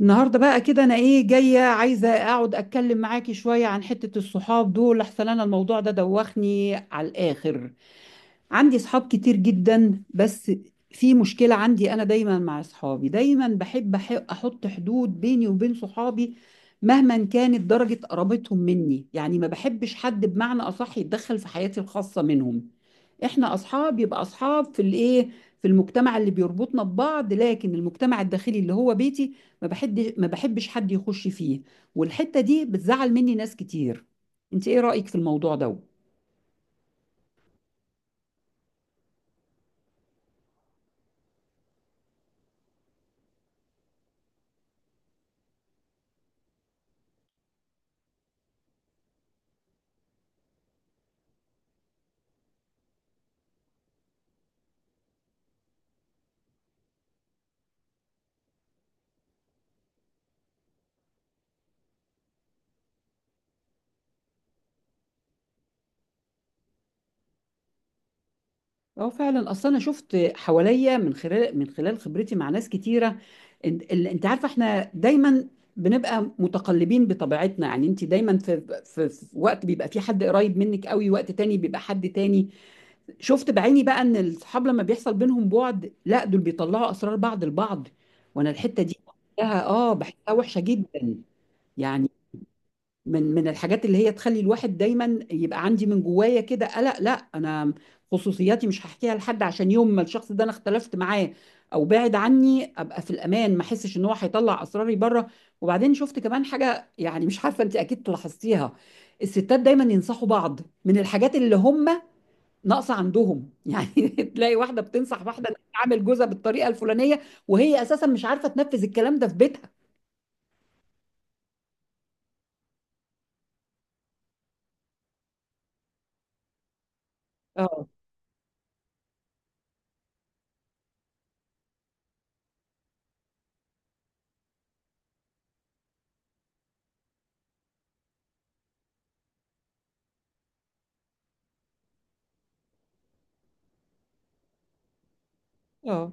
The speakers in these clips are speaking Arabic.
النهارده بقى كده، انا جايه عايزه اقعد اتكلم معاكي شويه عن حته الصحاب دول. احسن انا الموضوع ده دوخني على الاخر. عندي صحاب كتير جدا، بس في مشكلة عندي. أنا دايما مع صحابي، دايما بحب أحط حدود بيني وبين صحابي مهما كانت درجة قرابتهم مني. يعني ما بحبش حد، بمعنى أصح، يتدخل في حياتي الخاصة منهم. إحنا أصحاب يبقى أصحاب في في المجتمع اللي بيربطنا ببعض، لكن المجتمع الداخلي اللي هو بيتي، ما بحبش حد يخش فيه. والحتة دي بتزعل مني ناس كتير. أنت إيه رأيك في الموضوع ده؟ اه فعلا، اصل انا شفت حواليا، من خلال خبرتي مع ناس كتيره، انت عارفه احنا دايما بنبقى متقلبين بطبيعتنا. يعني انت دايما في وقت بيبقى في حد قريب منك قوي، وقت تاني بيبقى حد تاني. شفت بعيني بقى ان الصحاب لما بيحصل بينهم بعد، لا دول بيطلعوا اسرار بعض البعض. وانا الحته دي بحسها وحشه جدا. يعني من الحاجات اللي هي تخلي الواحد دايما يبقى عندي من جوايا كده قلق. لا انا خصوصياتي مش هحكيها لحد، عشان يوم ما الشخص ده انا اختلفت معاه او بعد عني، ابقى في الامان، ما احسش ان هو هيطلع اسراري بره. وبعدين شفت كمان حاجه، يعني مش عارفه انت اكيد لاحظتيها. الستات دايما ينصحوا بعض من الحاجات اللي هم ناقصه عندهم يعني تلاقي واحده بتنصح واحده إنها تعامل جوزها بالطريقه الفلانيه، وهي اساسا مش عارفه تنفذ الكلام ده في بيتها. اه. اه.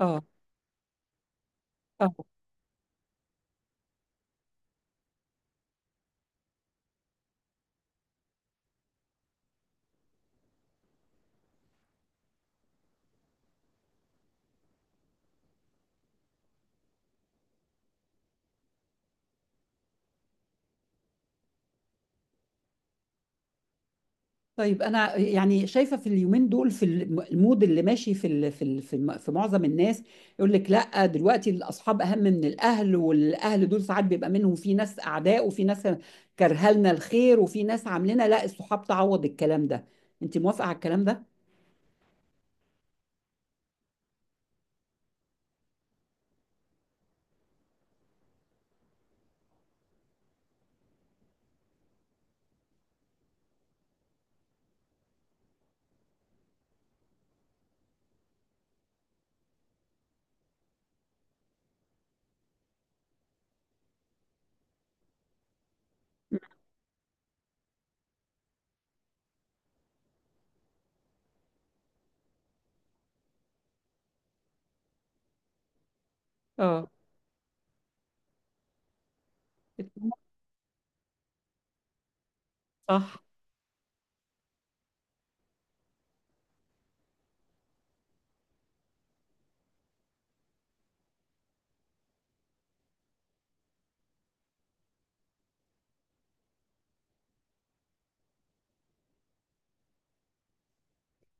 اه. اه. طيب انا يعني شايفه في اليومين دول، في المود اللي ماشي في ال- في ال- في م- في معظم الناس، يقول لك لا، دلوقتي الاصحاب اهم من الاهل، والاهل دول ساعات بيبقى منهم في ناس اعداء، وفي ناس كارهه لنا الخير، وفي ناس عاملنا لا، الصحاب تعوض الكلام ده. انت موافقه على الكلام ده؟ اه. صح.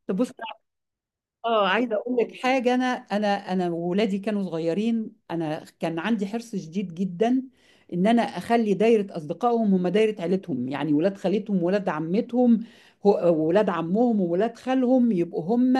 طب بص. اه، عايزه اقول لك حاجه. انا وولادي كانوا صغيرين، انا كان عندي حرص شديد جدا ان انا اخلي دايره اصدقائهم هم دايره عيلتهم، يعني ولاد خالتهم، ولاد عمتهم، ولاد عمهم وولاد خالهم، يبقوا هم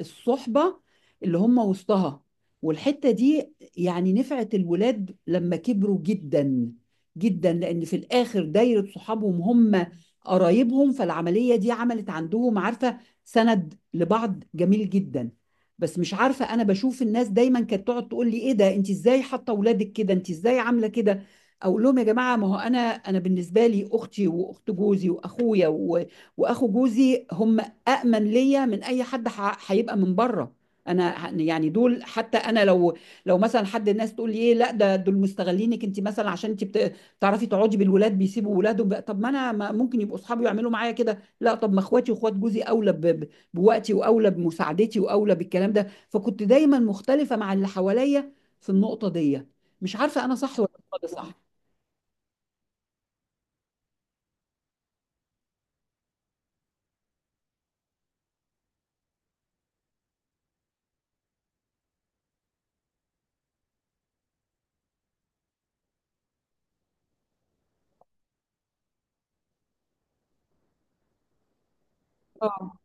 الصحبه اللي هم وسطها. والحته دي يعني نفعت الولاد لما كبروا جدا جدا، لان في الاخر دايره صحابهم هم قرايبهم. فالعمليه دي عملت عندهم، عارفه، سند لبعض جميل جدا. بس مش عارفه، انا بشوف الناس دايما كانت تقعد تقول لي: ايه ده، انت ازاي حاطه اولادك كده، انت ازاي عامله كده. اقول لهم يا جماعه، ما هو انا بالنسبه لي اختي واخت جوزي واخويا واخو جوزي، هم أأمن ليا من اي حد هيبقى من بره. انا يعني دول. حتى انا لو، مثلا حد، الناس تقول لي ايه، لا ده دول مستغلينك انت مثلا عشان انت بتعرفي تقعدي بالولاد، بيسيبوا ولادهم بقى. طب ما انا ممكن يبقوا اصحابي يعملوا معايا كده. لا، طب ما اخواتي واخوات جوزي اولى بوقتي، واولى بمساعدتي، واولى بالكلام ده. فكنت دايما مختلفه مع اللي حواليا في النقطه دي. مش عارفه انا صح ولا انت صح. اه.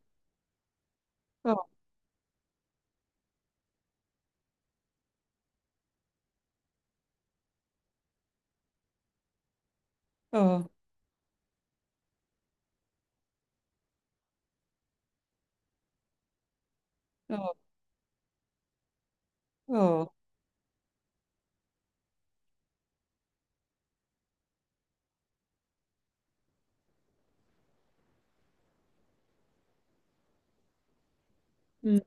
اه. اه. اه. اه. أمم.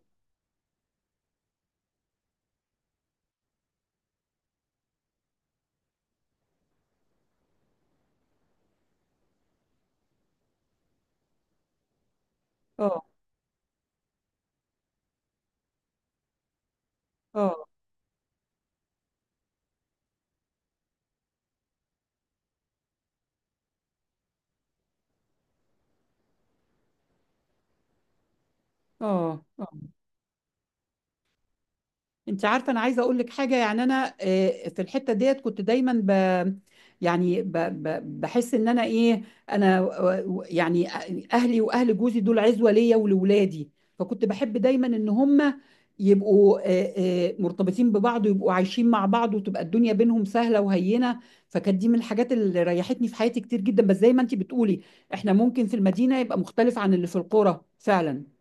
اه. اه. اه. انت عارفه، انا عايزه اقول لك حاجه. يعني انا، في الحته ديت كنت دايما يعني ب ب بحس ان انا انا يعني، اهلي واهل جوزي دول عزوه ليا ولولادي. فكنت بحب دايما ان هم يبقوا مرتبطين ببعض، ويبقوا عايشين مع بعض، وتبقى الدنيا بينهم سهله وهينه. فكانت دي من الحاجات اللي ريحتني في حياتي كتير جدا. بس زي ما انت بتقولي، احنا ممكن في المدينه يبقى مختلف عن اللي في القرى فعلا.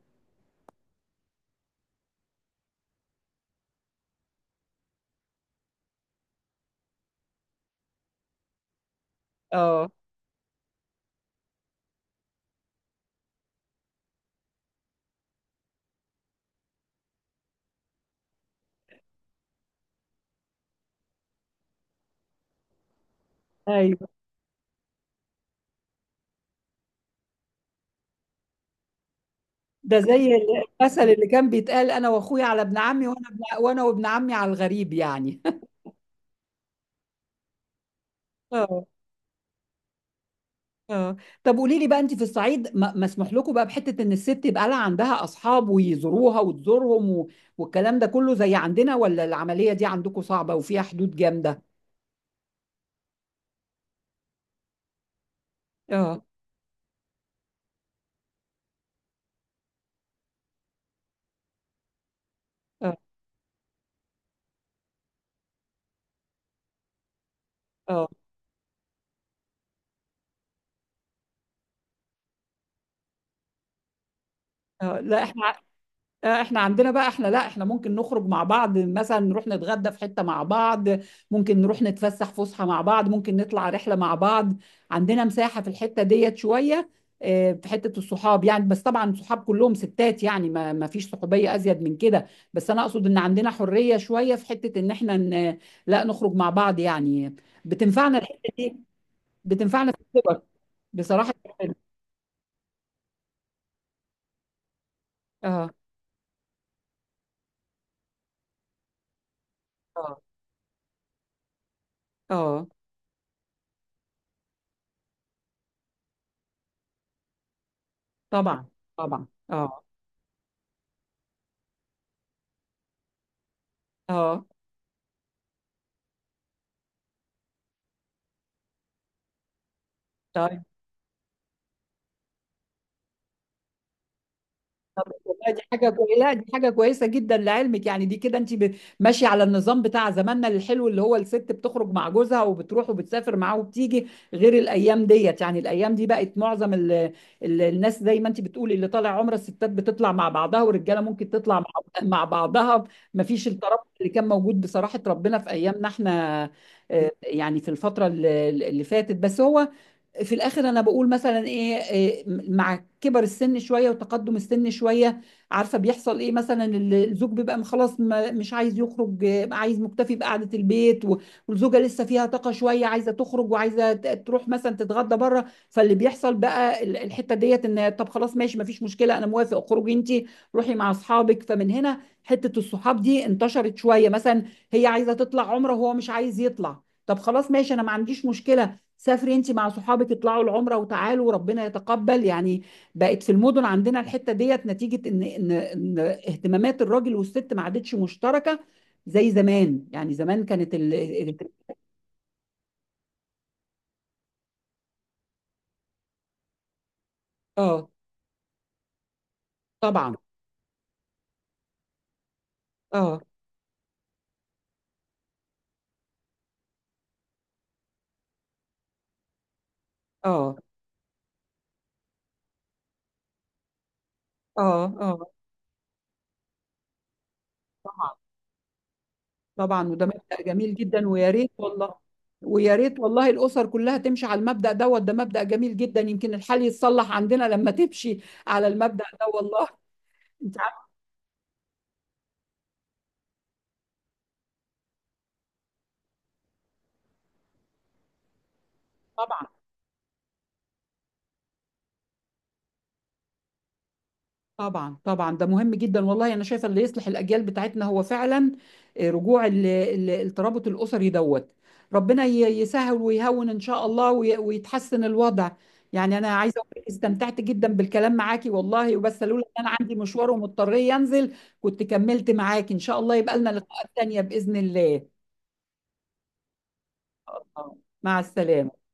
اه. ايوه. ده زي المثل اللي كان بيتقال: انا واخويا على ابن عمي، وانا وابن عمي على الغريب، يعني اه. اه. طب قولي لي بقى، انت في الصعيد مسموح لكم بقى بحته ان الست يبقى لها عندها اصحاب ويزوروها وتزورهم، و... والكلام ده كله زي عندنا، ولا العمليه دي عندكم صعبه وفيها حدود جامده؟ اه. اه. اه. اه. لا احنا، احنا عندنا بقى، احنا، لا احنا ممكن نخرج مع بعض، مثلا نروح نتغدى في حتة مع بعض. ممكن نروح نتفسح فسحة مع بعض، ممكن نطلع رحلة مع بعض. عندنا مساحة في الحتة ديت شوية، في حتة الصحاب يعني. بس طبعا صحاب كلهم ستات يعني، ما فيش صحوبية أزيد من كده. بس أنا أقصد إن عندنا حرية شوية في حتة إن احنا لا نخرج مع بعض يعني. بتنفعنا الحتة دي، بتنفعنا في الكبر بصراحة. اه. اه. اه. طبعا. طبعا. اه. اه. طيب. طب والله دي حاجة كويسة، لا دي حاجة كويسة جدا لعلمك. يعني دي كده انت ماشية على النظام بتاع زماننا الحلو، اللي هو الست بتخرج مع جوزها وبتروح وبتسافر معاه وبتيجي، غير الأيام ديت. يعني الأيام دي بقت معظم ال الناس، زي ما انت بتقولي، اللي طالع عمرة الستات بتطلع مع بعضها، والرجالة ممكن تطلع مع بعضها. مفيش الترابط اللي كان موجود، بصراحة ربنا، في أيامنا احنا، يعني في الفترة اللي فاتت. بس هو في الاخر انا بقول مثلا، ايه إيه، مع كبر السن شويه وتقدم السن شويه، عارفه بيحصل ايه. مثلا الزوج بيبقى، خلاص مش عايز يخرج، عايز مكتفي بقعده البيت، والزوجه لسه فيها طاقه شويه، عايزه تخرج وعايزه تروح مثلا تتغدى بره. فاللي بيحصل بقى الحته ديت، ان طب خلاص ماشي ما فيش مشكله، انا موافق، اخرجي انت، روحي مع اصحابك. فمن هنا حته الصحاب دي انتشرت شويه، مثلا هي عايزه تطلع عمره وهو مش عايز يطلع، طب خلاص ماشي، انا ما عنديش مشكله، سافري انت مع صحابك، اطلعوا العمره وتعالوا وربنا يتقبل يعني. بقت في المدن عندنا الحته ديت نتيجه ان اهتمامات الراجل والست ما عادتش مشتركه زي زمان. يعني زمان كانت اه. طبعا. اه. اه. اه. اه. طبعا. طبعا، وده مبدأ جميل جدا ويا ريت والله. ويا ريت والله الاسر كلها تمشي على المبدأ دوت. ده مبدأ جميل جدا، يمكن الحال يتصلح عندنا لما تمشي على المبدأ ده والله. انت عارفه. طبعا. طبعا. طبعا ده مهم جدا والله. انا شايفه اللي يصلح الاجيال بتاعتنا هو فعلا رجوع الترابط الاسري دوت. ربنا يسهل ويهون ان شاء الله، ويتحسن الوضع. يعني انا عايزه اقول لك استمتعت جدا بالكلام معاكي والله، وبس لولا ان انا عندي مشوار ومضطر ينزل كنت كملت معاكي. ان شاء الله يبقى لنا لقاءات تانيه باذن الله. آه. مع السلامه.